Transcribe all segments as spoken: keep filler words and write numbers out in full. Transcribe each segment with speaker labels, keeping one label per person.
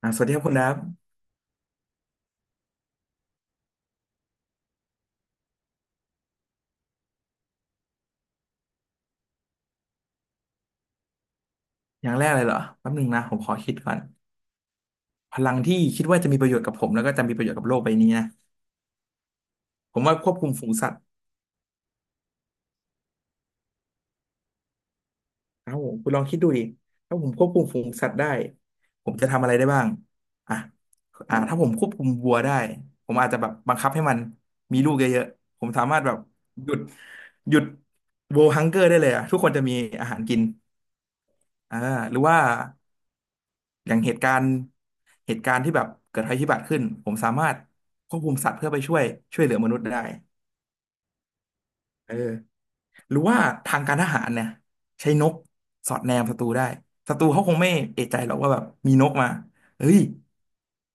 Speaker 1: อ่าสวัสดีครับคุณดับอย่างแรกเลยเหรอแป๊บหนึงนะผมขอคิดก่อนพลังที่คิดว่าจะมีประโยชน์กับผมแล้วก็จะมีประโยชน์กับโลกใบนี้นะผมว่าควบคุมฝูงสัตว์ครับผมคุณลองคิดดูดิถ้าผมควบคุมฝูงสัตว์ได้ผมจะทำอะไรได้บ้างอ่ะอ่าถ้าผมควบคุมวัวได้ผมอาจจะแบบบังคับให้มันมีลูกเยอะๆผมสามารถแบบหยุดหยุดโวฮังเกอร์ได้เลยอ่ะทุกคนจะมีอาหารกินอ่าหรือว่า อย่างเหตุการณ์เหตุการณ์ที่แบบเกิดภัยพิบัติขึ้นผมสามารถควบคุมสัตว์เพื่อไปช่วยช่วยเหลือมนุษย์ได้เออหรือว่าทางการทหารเนี่ยใช้นกสอดแนมศัตรูได้ศัตรูเขาคงไม่เอะใจหรอกว่าแบบมีนกมาเฮ้ย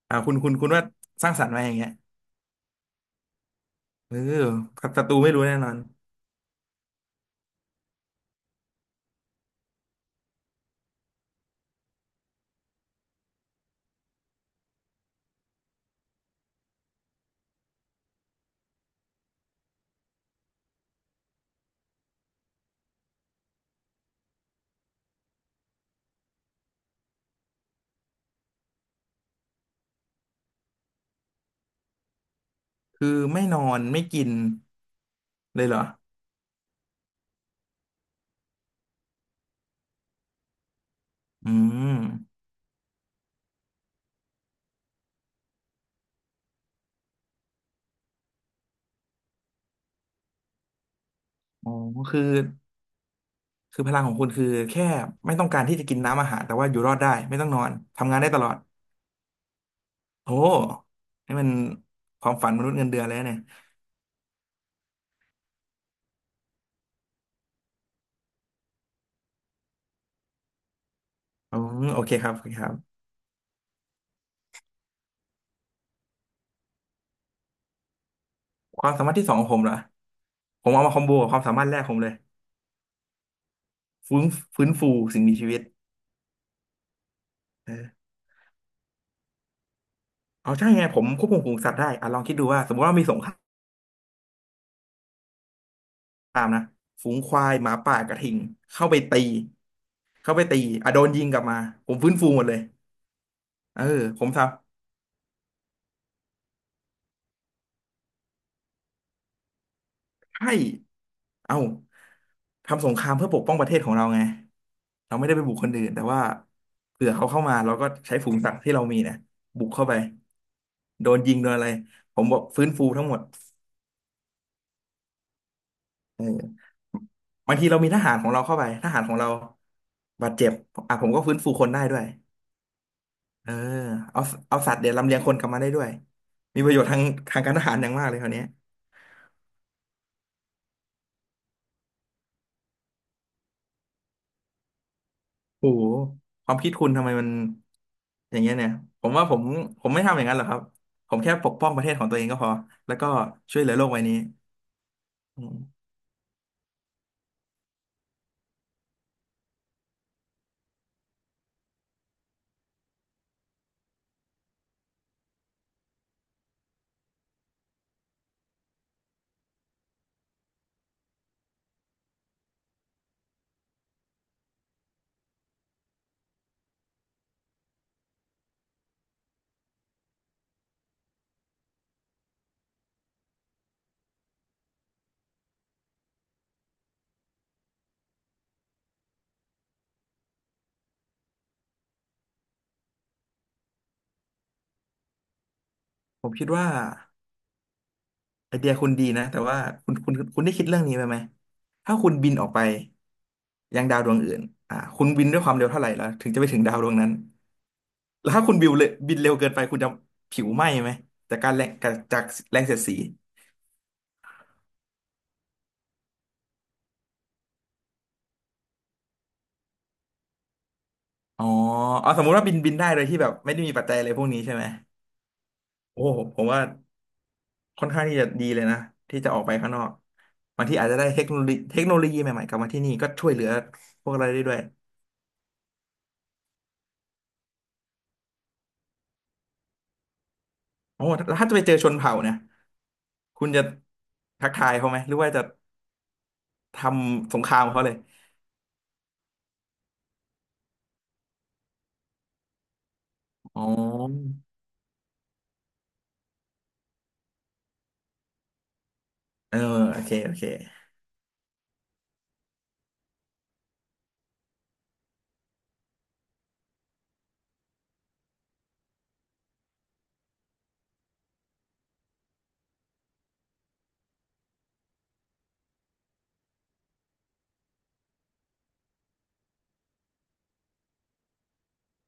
Speaker 1: อ่าคุณคุณคุณว่าสร้างสรรค์ไหมาอย่างเงี้ยเออศัตรูไม่รู้แน่นอนคือไม่นอนไม่กินเลยเหรออืมอ๋อคือคือพลังของคุณคือแค่ไม่ต้องการที่จะกินน้ำอาหารแต่ว่าอยู่รอดได้ไม่ต้องนอนทำงานได้ตลอด โอ้นี่มันความฝันมนุษย์เงินเดือนเลยนะเนี่ยอืมโอเคครับโอเคครับความสามารถที่สองของผมเหรอผมเอามาคอมโบกับความสามารถแรกผมเลยฟื้นฟื้นฟูสิ่งมีชีวิตเออเอาใช่ไงผมควบคุมฝูงสัตว์ได้อ่ะลองคิดดูว่าสมมติว่ามีสงครามนะฝูงควายหมาป่ากระทิงเข้าไปตีเข้าไปตีอ่ะโดนยิงกลับมาผมฟื้นฟูหมดเลยเออผมทำ ใช่เอ้าทำสงครามเพื่อปกป้องประเทศของเราไงเราไม่ได้ไปบุกคนอื่นแต่ว่าเผื่อเขาเข้ามาเราก็ใช้ฝูงสัตว์ที่เรามีเนี่ยบุกเข้าไปโดนยิงโดนอะไรผมบอกฟื้นฟูทั้งหมดเออบางทีเรามีทหารของเราเข้าไป ทหารของเราบาดเจ็บอ่ะผมก็ฟื้นฟูคนได้ด้วยเออเอาเอาสัตว์เดี๋ยวลำเลียงคนกลับมาได้ด้วย มีประโยชน์ทางทางการทหารอย่างมากเลยคราวเนี้ย โอ้โหความคิดคุณทำไมมันอย่างเงี้ยเนี่ยผมว่าผมผมไม่ทำอย่างนั้นหรอกครับผมแค่ปกป้องประเทศของตัวเองก็พอแล้วก็ช่วยเหลือโลกใบนี้อืมผมคิดว่าไอเดียคุณดีนะแต่ว่าคุณคุณคุณได้คิดเรื่องนี้ไปไหมถ้าคุณบินออกไปยังดาวดวงอื่นอ่าคุณบินด้วยความเร็วเท่าไหร่แล้วถึงจะไปถึงดาวดวงนั้นแล้วถ้าคุณบิวเลยบินเร็วเกินไปคุณจะผิวไหม้ไหมจากการแรงจากจากแรงเสียดสีอ๋อเอาสมมุติว่าบินบินได้โดยที่แบบไม่ได้มีปัจจัยอะไรพวกนี้ใช่ไหมโอ้ผมว่า ค่อนข้างที่จะดีเลยนะที่จะออกไปข้างนอกบางทีอาจจะได้เทคโนโลยีเทคโนโลยีใหม่ๆกลับมาที่นี่ก็ช่วยเหลือพวกเราได้ด้วยโอ้แล้วถ้าจะไปเจอชนเผ่าเนี่ยคุณจะทักทายเขาไหมหรือว่าจะทำสงครามกับเขาเลยอ๋อเออโอเคโอเค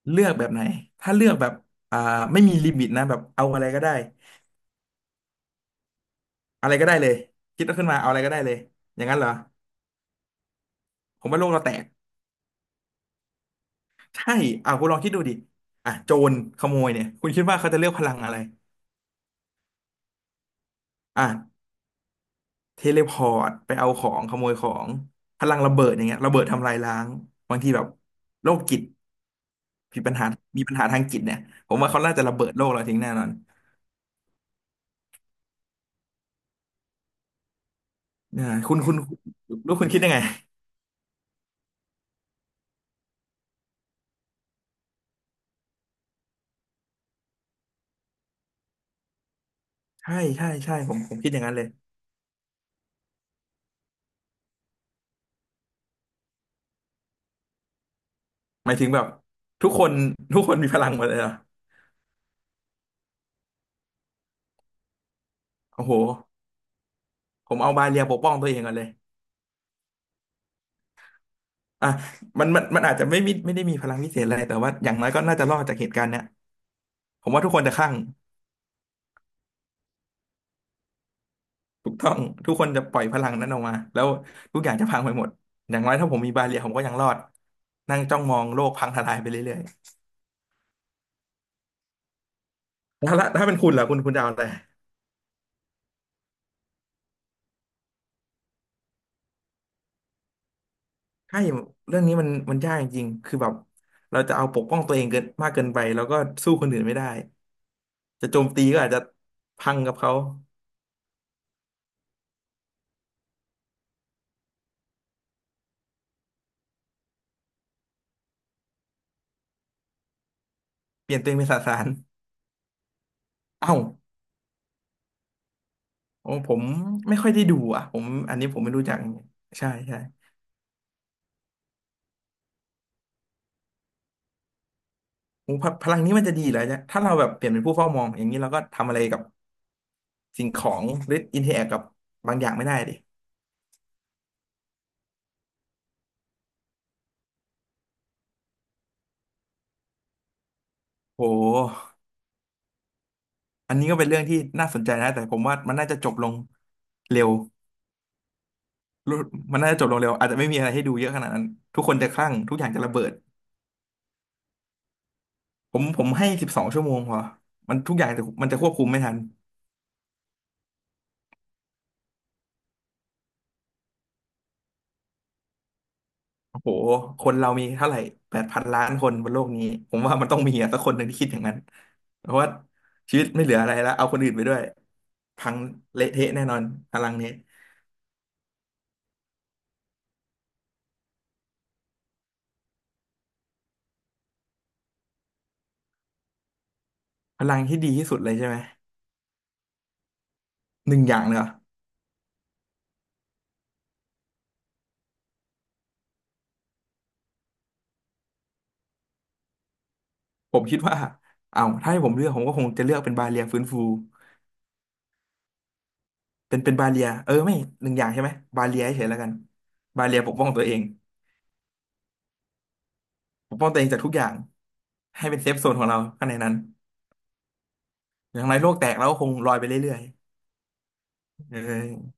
Speaker 1: เลือกแบบไหนถ้าเลือกแบบอ่าไม่มีลิมิตนะแบบเอาอะไรก็ได้อะไรก็ได้เลยคิดขึ้นมาเอาอะไรก็ได้เลยอย่างนั้นเหรอผมว่าโลกเราแตกใช่อ่าคุณลองคิดดูดิอ่ะโจรขโมยเนี่ยคุณคิดว่าเขาจะเลือกพลังอะไรอ่ะ เทเลพอร์ตไปเอาของขโมยของพลังระเบิดอย่างเงี้ยระเบิดทำลายล้างบางทีแบบโรคจิตมีปัญหามีปัญหาทางจิตเนี่ยผมว่าเขาน่าจะระเบิดโลกเราทิ้งแน่นอนอ่าคุณคุณคุณลูกคุณคิดยังไงใช่ใช่ใช่ผมผมคิดอย่างนั้นเลยหมายถึงแบบทุกคนทุกคนมีพลังหมดเลยเหรอโอ้โหผมเอาบาเรียปกป้องตัวเองก่อนเลยอ่ะมันมันมันอาจจะไม่มีไม่ได้มีพลังพิเศษอะไรแต่ว่าอย่างน้อยก็น่าจะรอดจากเหตุการณ์เนี้ยผมว่าทุกคนจะคลั่ง ถูกต้องทุกคนจะปล่อยพลังนั้นออกมาแล้วทุกอย่างจะพังไปหมดอย่างไรถ้าผมมีบาเรียผมก็ยังรอดนั่งจ้องมองโลกพังทลายไปเรื่อยๆแล้วละถ้าเป็นคุณล่ะคุณคุณจะเอาอะไรใช่เรื่องนี้มันมันยากจริงๆคือแบบเราจะเอาปกป้องตัวเองเกินมากเกินไปแล้วก็สู้คนอื่นไม่ได้จะโจมตีก็อาจจะพังกับเขาเปลี่ยนตัวเองเป็นสสารเอ้าของผมไม่ค่อยได้ดูอ่ะผมอันนี้ผมไม่รู้จักใช่ใช่โอ้พพลังนี้มันจะดีเหรอเนี่ยถ้าเราแบบเปลี่ยนเป็นผู้เฝ้ามองอย่างนี้เราก็ทำอะไรกับ สิ่งของหรืออินเทอร์แอคกับบางอย่างไม่ได้ดิโหอันนี้ก็เป็นเรื่องที่น่าสนใจนะแต่ผมว่ามันน่าจะจบลงเร็วรู้มันน่าจะจบลงเร็วอาจจะไม่มีอะไรให้ดูเยอะขนาดนั้นทุกคนจะคลั่งทุกอย่างจะระเบิดผมผมให้สิบสองชั่วโมงพอมันทุกอย่างจะมันจะควบคุมไม่ทันโอ้โหคนเรามีเท่าไหร่แปดพันล้านคนบนโลกนี้ผมว่ามันต้องมีอะสักคนหนึ่งที่คิดอย่างนั้นเพราะว่าชีวิตไม่เหลืออะไรแล้วเอาคนอื่นไปด้วยพังเละเทะแน่นอนพลังนี้พลังที่ดีที่สุดเลยใช่ไหมหนึ่งอย่างเลยเหรอ ผมคิดว่าเอาถ้าให้ผมเลือกผมก็คงจะเลือกเป็นบาเลียฟื้นฟูเป็นเป็นบาเลียเออไม่หนึ่งอย่างใช่ไหมบาเลียเฉยๆแล้วกันบาเลียปกป้องตัวเองปกป้องตัวเองจากทุกอย่างให้เป็นเซฟโซนของเราข้างในนั้นอย่างไรโลกแตกเราก็คงลอยไปเรื่อยๆเออ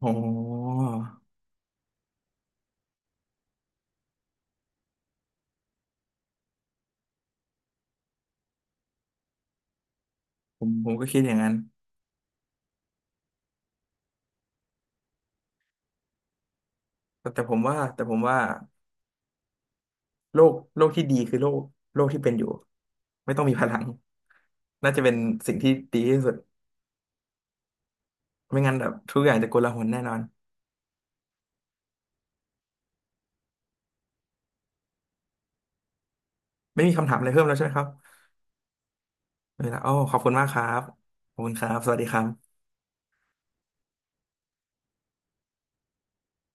Speaker 1: โอ้ผมผมก็คิดอย่างนั้นแต่แต่ผมว่าแต่ผมว่าโลกโลกที่ดีคือโลกโลกที่เป็นอยู่ไม่ต้องมีพลังน่าจะเป็นสิ่งที่ดีที่สุดไม่งั้นแบบทุกอย่างจะโกลาหลแน่นอนไม่มีคำถามอะไรเพิ่มแล้วใช่ไหมครับ เวลาโอ้ ขอบคุณมากครับ ขอบคุณครับ สวัสดีครับ